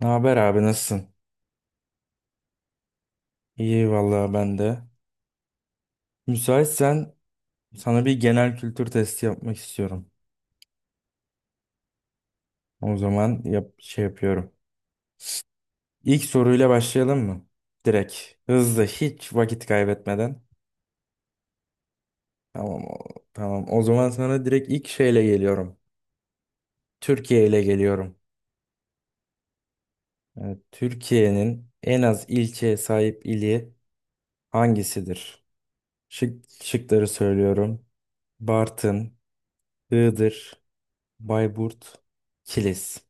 Ne haber abi nasılsın? İyi vallahi ben de. Müsaitsen sana bir genel kültür testi yapmak istiyorum. O zaman yap yapıyorum. İlk soruyla başlayalım mı? Direkt. Hızlı hiç vakit kaybetmeden. Tamam o, tamam. O zaman sana direkt ilk geliyorum. Türkiye ile geliyorum. Evet, Türkiye'nin en az ilçeye sahip ili hangisidir? Şıkları söylüyorum. Bartın, Iğdır, Bayburt, Kilis.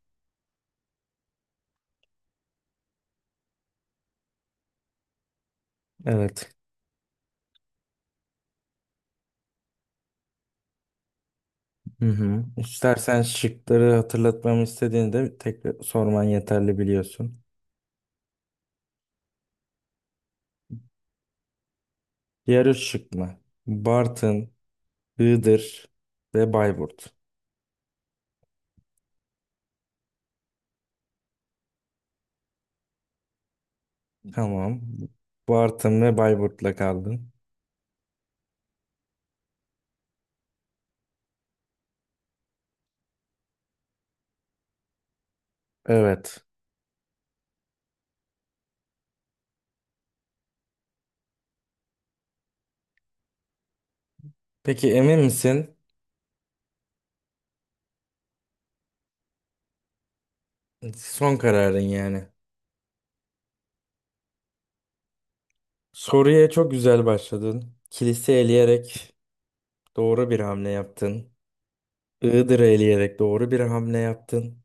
Evet. Hı hı. İstersen şıkları hatırlatmamı istediğinde tekrar sorman yeterli biliyorsun. Diğer üç şık mı? Bartın, Iğdır ve Bayburt. Tamam. Bartın ve Bayburt'la kaldın. Evet. Peki emin misin? Son kararın yani. Soruya çok güzel başladın. Kilise eleyerek doğru bir hamle yaptın. Iğdır'ı eleyerek doğru bir hamle yaptın.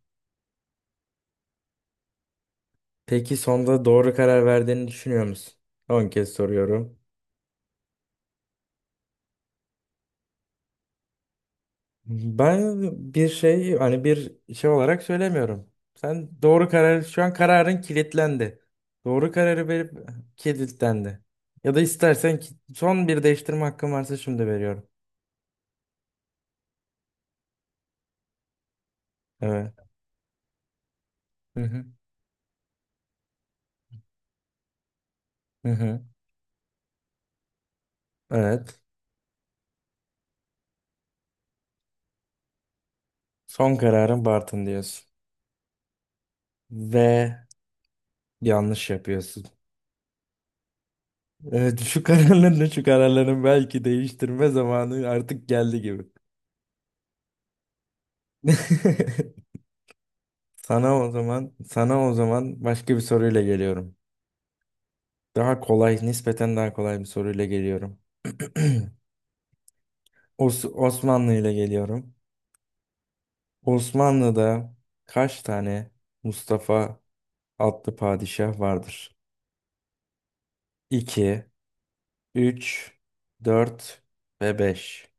Peki sonda doğru karar verdiğini düşünüyor musun? 10 kez soruyorum. Ben bir şey olarak söylemiyorum. Sen doğru karar Şu an kararın kilitlendi. Doğru kararı verip kilitlendi. Ya da son bir değiştirme hakkın varsa şimdi veriyorum. Evet. Hı hı. Hı hı. Evet. Son kararın Bartın diyorsun. Ve yanlış yapıyorsun. Evet şu kararların belki değiştirme zamanı artık geldi gibi. Sana o zaman başka bir soruyla geliyorum. Daha kolay, nispeten daha kolay bir soruyla geliyorum. Osmanlı ile geliyorum. Osmanlı'da kaç tane Mustafa adlı padişah vardır? 2, 3, 4 ve 5.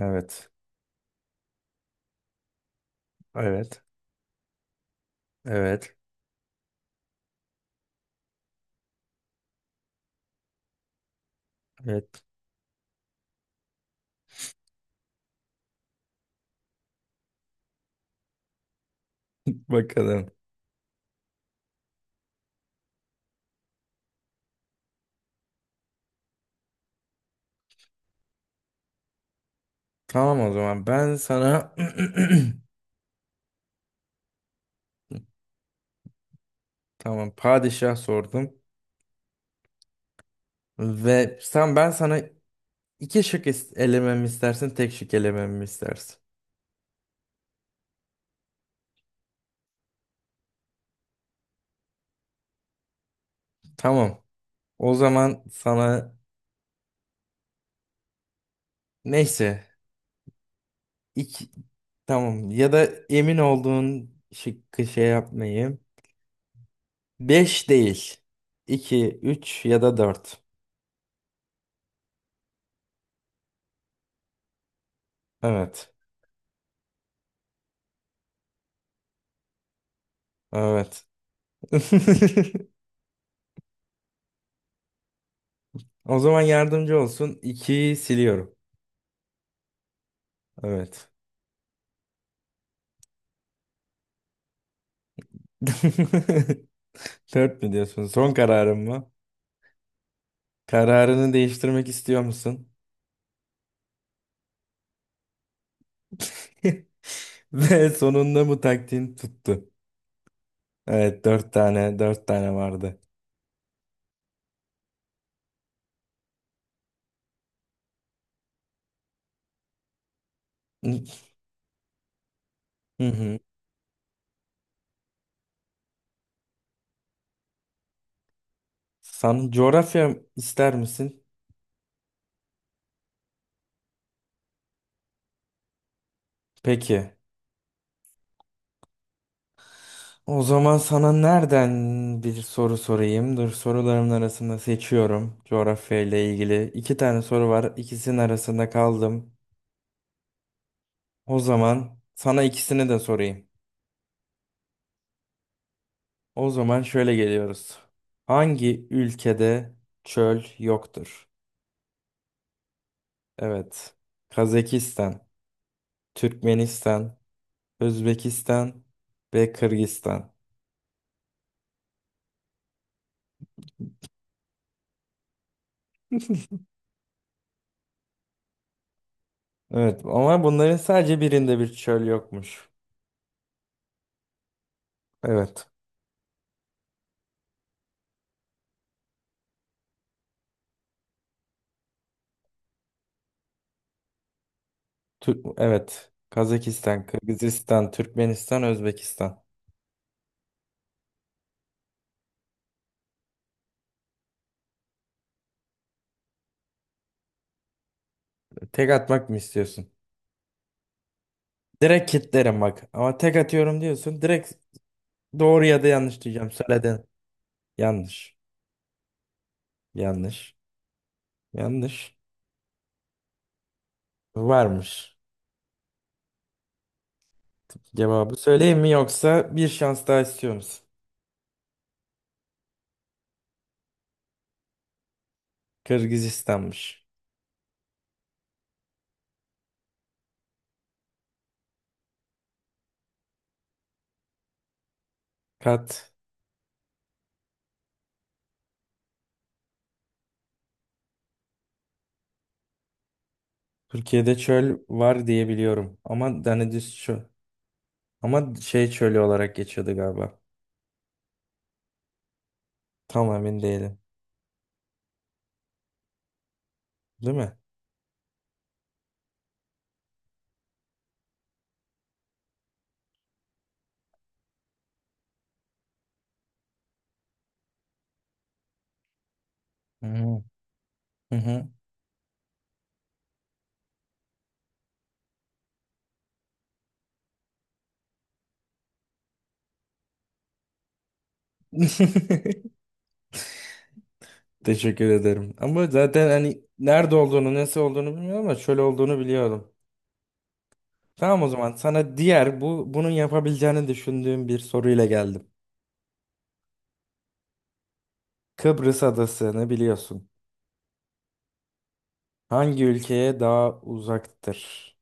Evet, evet, evet, evet. Bakalım. Tamam o zaman ben sana tamam padişah sordum ve sen ben sana iki elememi istersin, tek şık elememi istersin. Tamam. O zaman sana neyse İk tamam, ya da emin olduğun şıkkı şey yapmayayım. 5 değil. İki, 3 ya da 4. Evet. Evet. O zaman yardımcı olsun. 2'yi siliyorum. Evet. Dört mü diyorsun? Son kararın mı? Kararını değiştirmek istiyor musun? Ve sonunda bu taktiğin tuttu. Evet, 4 tane vardı. Hı hı. Sen coğrafya ister misin? Peki. O zaman sana nereden bir soru sorayım? Dur sorularımın arasında seçiyorum. Coğrafya ile ilgili iki tane soru var. İkisinin arasında kaldım. O zaman sana ikisini de sorayım. O zaman şöyle geliyoruz. Hangi ülkede çöl yoktur? Evet. Kazakistan, Türkmenistan, Özbekistan ve Kırgızistan. Evet ama bunların sadece birinde bir çöl yokmuş. Evet. Evet. Kazakistan, Kırgızistan, Türkmenistan, Özbekistan. Tek atmak mı istiyorsun? Direkt kitlerim bak. Ama tek atıyorum diyorsun. Direkt doğru ya da yanlış diyeceğim. Söyledin. Yanlış. Yanlış. Yanlış. Varmış. Cevabı söyleyeyim mi yoksa bir şans daha istiyor musun? Kırgızistan'mış. Kat. Türkiye'de çöl var diye biliyorum. Ama Danediz çöl. Ama şey çölü olarak geçiyordu galiba. Tam emin değilim. Değil mi? Hı hı. Hı hı. Teşekkür ederim. Ama zaten hani nerede olduğunu, nasıl olduğunu bilmiyorum ama şöyle olduğunu biliyordum. Tamam o zaman sana diğer bu bunun yapabileceğini düşündüğüm bir soruyla geldim. Kıbrıs adasını biliyorsun. Hangi ülkeye daha uzaktır?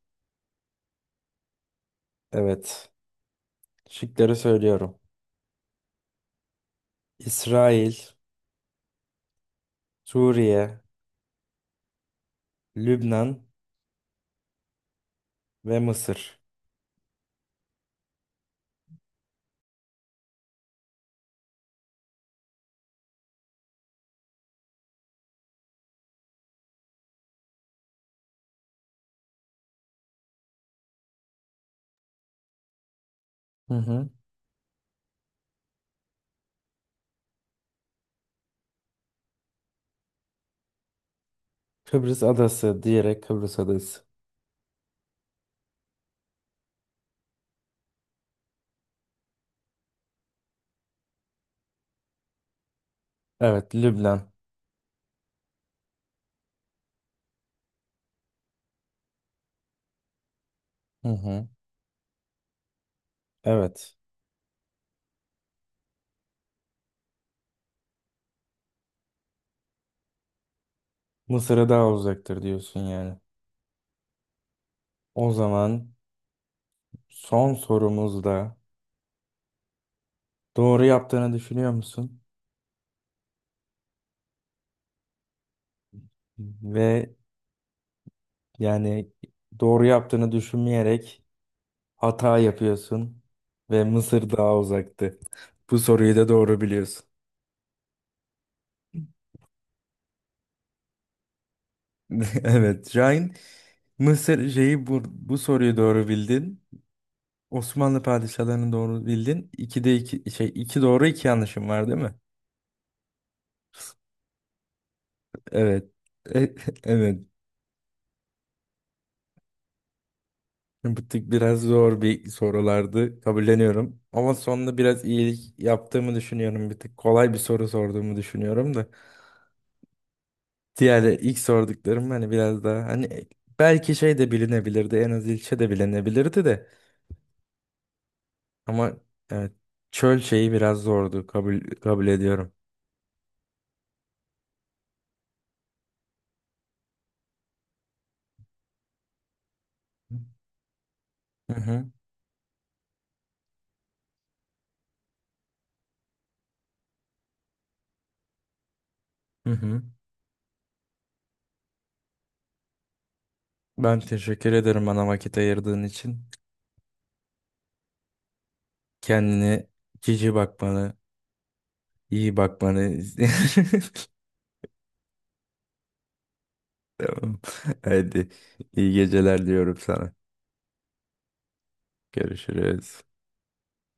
Evet. Şıkları söylüyorum. İsrail, Suriye, Lübnan ve Mısır. Hı hı. Kıbrıs adası. Evet, Lübnan. Hı hı. Evet. Mısır'a daha uzaktır diyorsun yani. O zaman son sorumuzda doğru yaptığını düşünüyor musun? Ve yani doğru yaptığını düşünmeyerek hata yapıyorsun ve Mısır daha uzaktı. Bu soruyu da doğru biliyorsun. Evet, Şahin, bu soruyu doğru bildin. Osmanlı padişahlarını doğru bildin. İkide iki iki doğru iki yanlışım var değil mi? Evet. E- evet. Bu tık biraz zor bir sorulardı kabulleniyorum. Ama sonunda biraz iyilik yaptığımı düşünüyorum. Bir tık kolay bir soru sorduğumu düşünüyorum da. Diğer ilk sorduklarım hani biraz daha hani e, belki şey de bilinebilirdi en az ilçe de bilinebilirdi de. Ama evet çöl şeyi biraz zordu kabul ediyorum. Hı hı, hı hı. Ben teşekkür ederim bana vakit ayırdığın için. Kendine cici bakmanı, iyi bakmanı. Tamam. Hadi iyi geceler diyorum sana. Görüşürüz.